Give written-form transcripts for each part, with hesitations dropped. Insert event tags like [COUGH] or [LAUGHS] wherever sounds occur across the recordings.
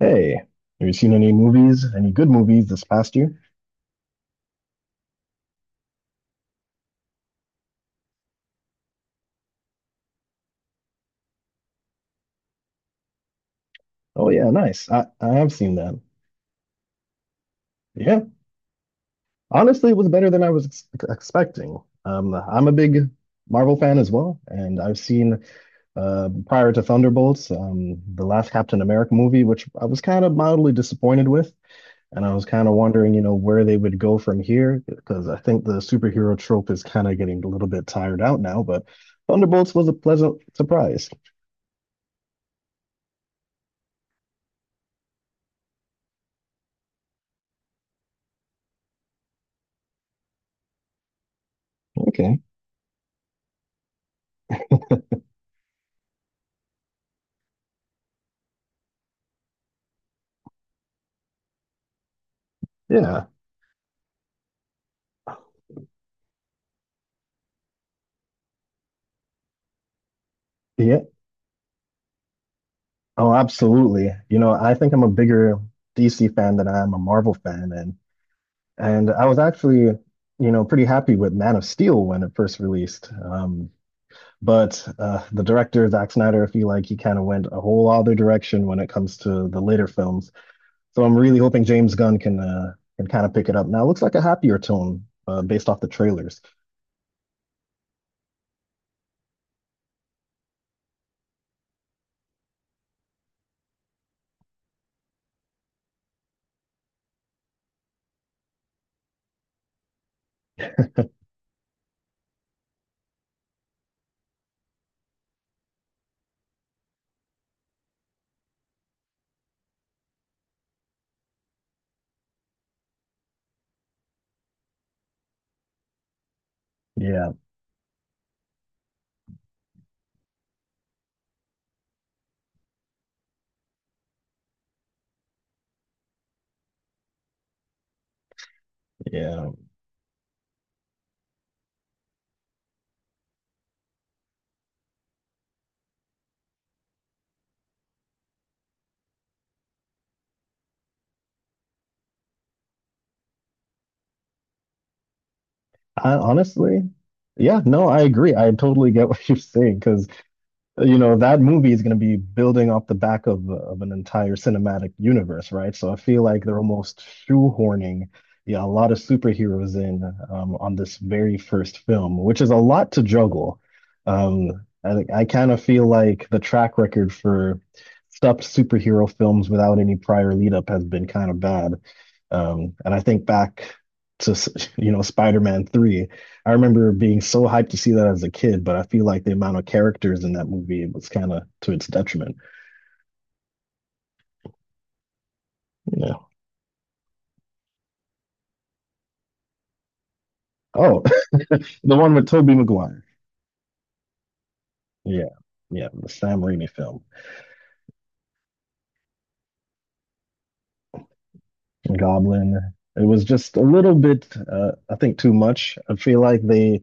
Hey, have you seen any movies, any good movies this past year? Oh yeah, nice. I have seen that. Yeah, honestly, it was better than I was ex expecting. I'm a big Marvel fan as well, and I've seen prior to Thunderbolts, the last Captain America movie, which I was kind of mildly disappointed with, and I was kind of wondering, you know, where they would go from here, because I think the superhero trope is kind of getting a little bit tired out now. But Thunderbolts was a pleasant surprise. Okay, yeah, yeah. Oh, absolutely. You know, I think I'm a bigger DC fan than I am a Marvel fan, and I was actually, you know, pretty happy with Man of Steel when it first released. But the director Zack Snyder, I feel like he kind of went a whole other direction when it comes to the later films. So I'm really hoping James Gunn can kind of pick it up. Now it looks like a happier tone, based off the trailers. Yeah, yeah. I honestly, yeah, no, I agree. I totally get [LAUGHS] what you're saying, because you know that movie is going to be building off the back of an entire cinematic universe, right? So I feel like they're almost shoehorning, yeah, a lot of superheroes in, on this very first film, which is a lot to juggle. Um, I think I kind of feel like the track record for stuffed superhero films without any prior lead up has been kind of bad. And I think back to, you know, Spider-Man 3. I remember being so hyped to see that as a kid, but I feel like the amount of characters in that movie was kind of to its detriment. You know. Oh, [LAUGHS] the one with Tobey Maguire. Yeah, yeah, the Sam Raimi film, Goblin. It was just a little bit, I think, too much. I feel like they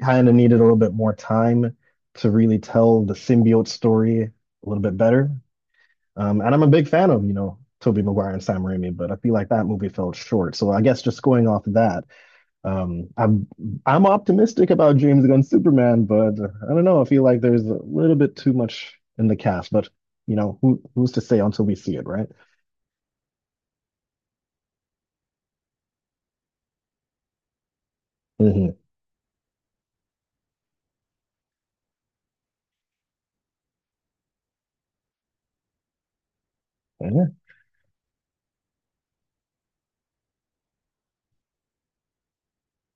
kind of needed a little bit more time to really tell the symbiote story a little bit better. And I'm a big fan of, you know, Tobey Maguire and Sam Raimi, but I feel like that movie fell short. So I guess just going off of that, Um, I'm I'm optimistic about James Gunn's Superman, but I don't know. I feel like there's a little bit too much in the cast, but you know, who's to say until we see it, right? hmm Yeah.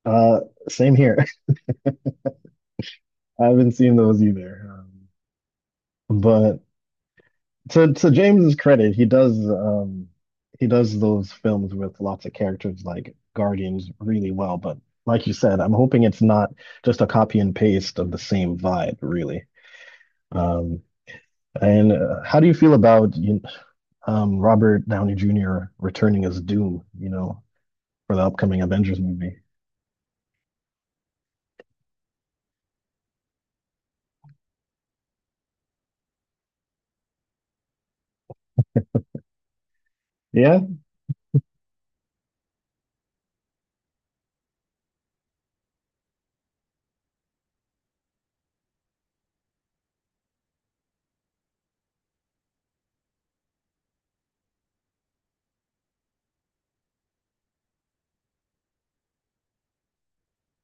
Uh, same here. [LAUGHS] I haven't seen those either. But to James's credit, he does, he does those films with lots of characters like Guardians really well. But like you said, I'm hoping it's not just a copy and paste of the same vibe, really. Um, and how do you feel about Robert Downey Jr. returning as Doom, you know, for the upcoming Avengers movie. Yeah.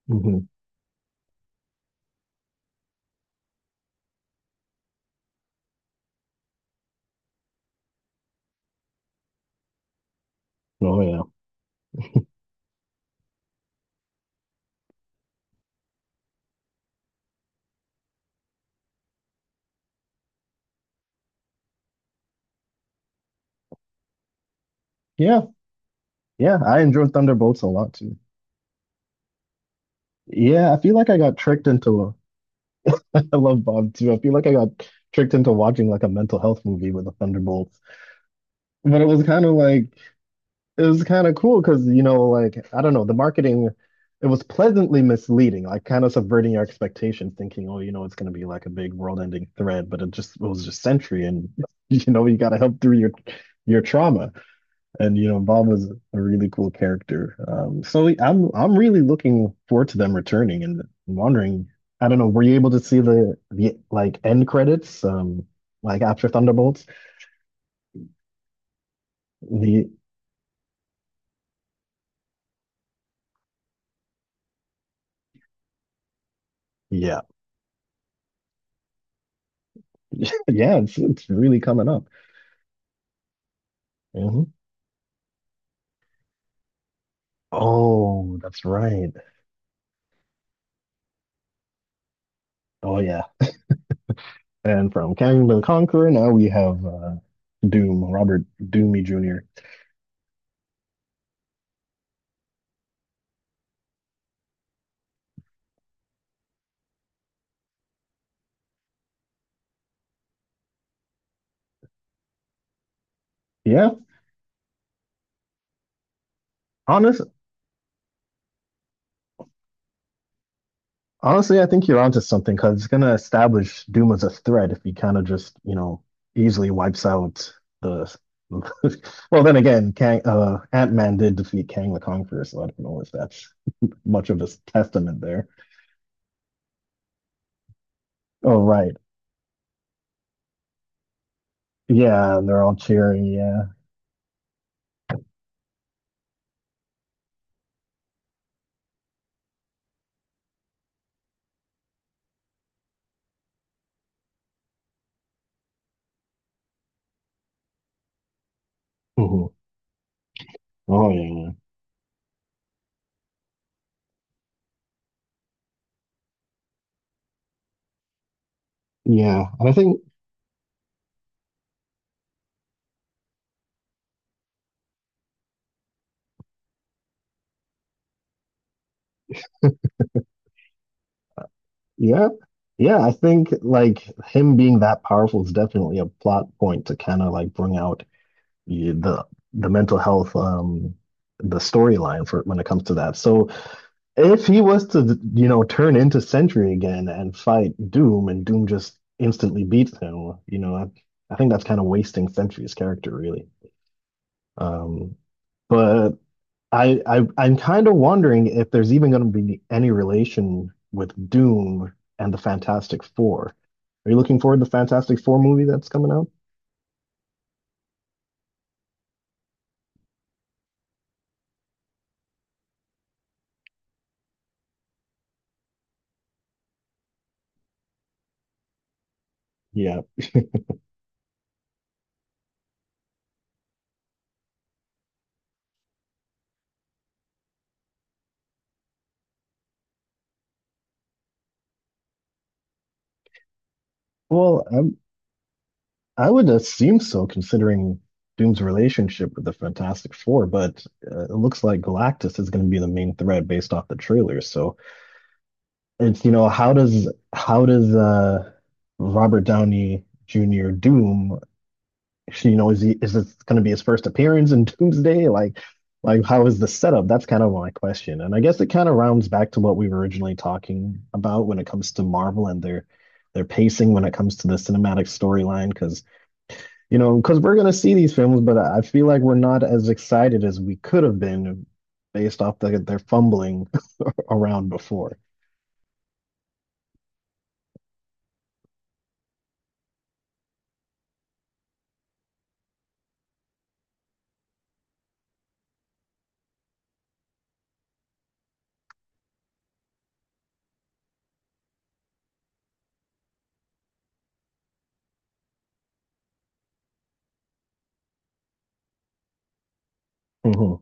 hmm Oh yeah, yeah, yeah. I enjoyed Thunderbolts a lot too. Yeah, I feel like I got tricked into. [LAUGHS] I love Bob too. I feel like I got tricked into watching like a mental health movie with the Thunderbolts, but it was kind of cool because, you know, like, I don't know, the marketing, it was pleasantly misleading, like kind of subverting your expectations, thinking, oh, you know, it's going to be like a big world-ending threat, but it was just Sentry, and [LAUGHS] you know, you got to help through your trauma. And you know, Bob was a really cool character. So I'm really looking forward to them returning and wondering. I don't know, were you able to see the, end credits, like after Thunderbolts? The Yeah, [LAUGHS] yeah, it's really coming up. Mhm. Oh, that's right. Oh yeah. And from Kang the Conqueror, now we have, Doom, Robert Doomy Jr. Yeah, honest, Honestly, I think you're onto something because it's gonna establish Doom as a threat if he kind of just, you know, easily wipes out the. [LAUGHS] Well, then again, Kang, Ant-Man did defeat Kang the Conqueror, so I don't know if that's much of a testament there. Oh, right. Yeah, they're all cheering. Yeah. hmm Oh, yeah. Yeah, and I think Yeah. Yeah, I think like him being that powerful is definitely a plot point to kind of like bring out the mental health, the storyline for when it comes to that. So if he was to, you know, turn into Sentry again and fight Doom and Doom just instantly beats him, you know, I think that's kind of wasting Sentry's character really. Um but I'm kind of wondering if there's even going to be any relation with Doom and the Fantastic Four. Are you looking forward to the Fantastic Four movie that's coming out? Yeah. Well, I'm, I would assume so, considering Doom's relationship with the Fantastic Four, but it looks like Galactus is going to be the main threat based off the trailer. So it's, you know, how does, Robert Downey Jr. Doom, you know, is this going to be his first appearance in Doomsday? Like how is the setup? That's kind of my question, and I guess it kind of rounds back to what we were originally talking about when it comes to Marvel and their pacing when it comes to the cinematic storyline. Because you know, because we're going to see these films, but I feel like we're not as excited as we could have been based off their fumbling around before. hmm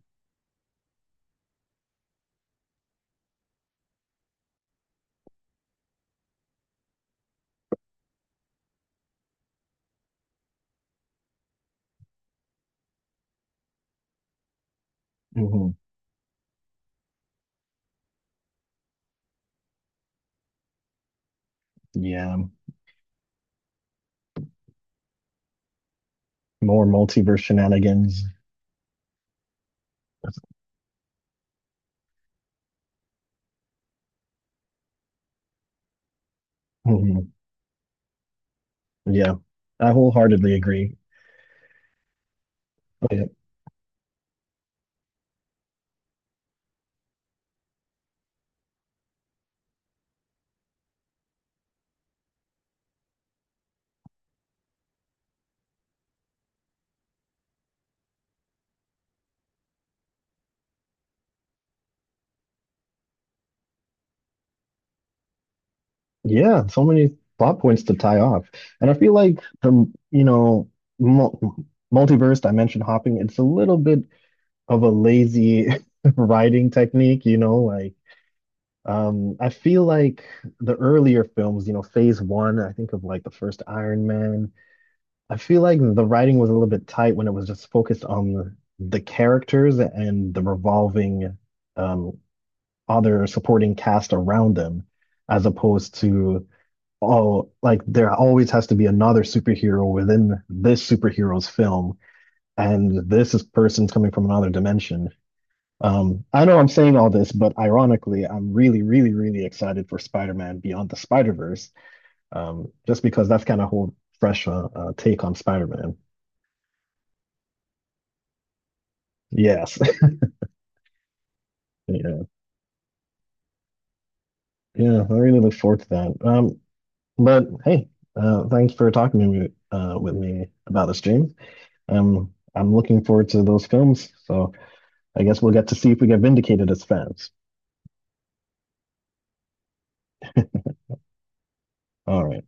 hmm Yeah, more multiverse shenanigans. hmm Yeah, I wholeheartedly agree. Yeah, yeah, so many plot points to tie off, and I feel like the you know mul multiverse dimension hopping. It's a little bit of a lazy [LAUGHS] writing technique, you know, like, I feel like the earlier films, you know, phase one, I think of like the first Iron Man, I feel like the writing was a little bit tight when it was just focused on the characters and the revolving, um other supporting cast around them, as opposed to, oh, like there always has to be another superhero within this superhero's film, and this is person's coming from another dimension. I know I'm saying all this, but ironically, I'm really, really, really excited for Spider-Man Beyond the Spider-Verse, just because that's kind of a whole fresh, take on Spider-Man. Yes, [LAUGHS] yeah, yeah. I really look forward to that. But hey, thanks for talking to me, with me about this, James. I'm looking forward to those films, so I guess we'll get to see if we get vindicated as fans. All right.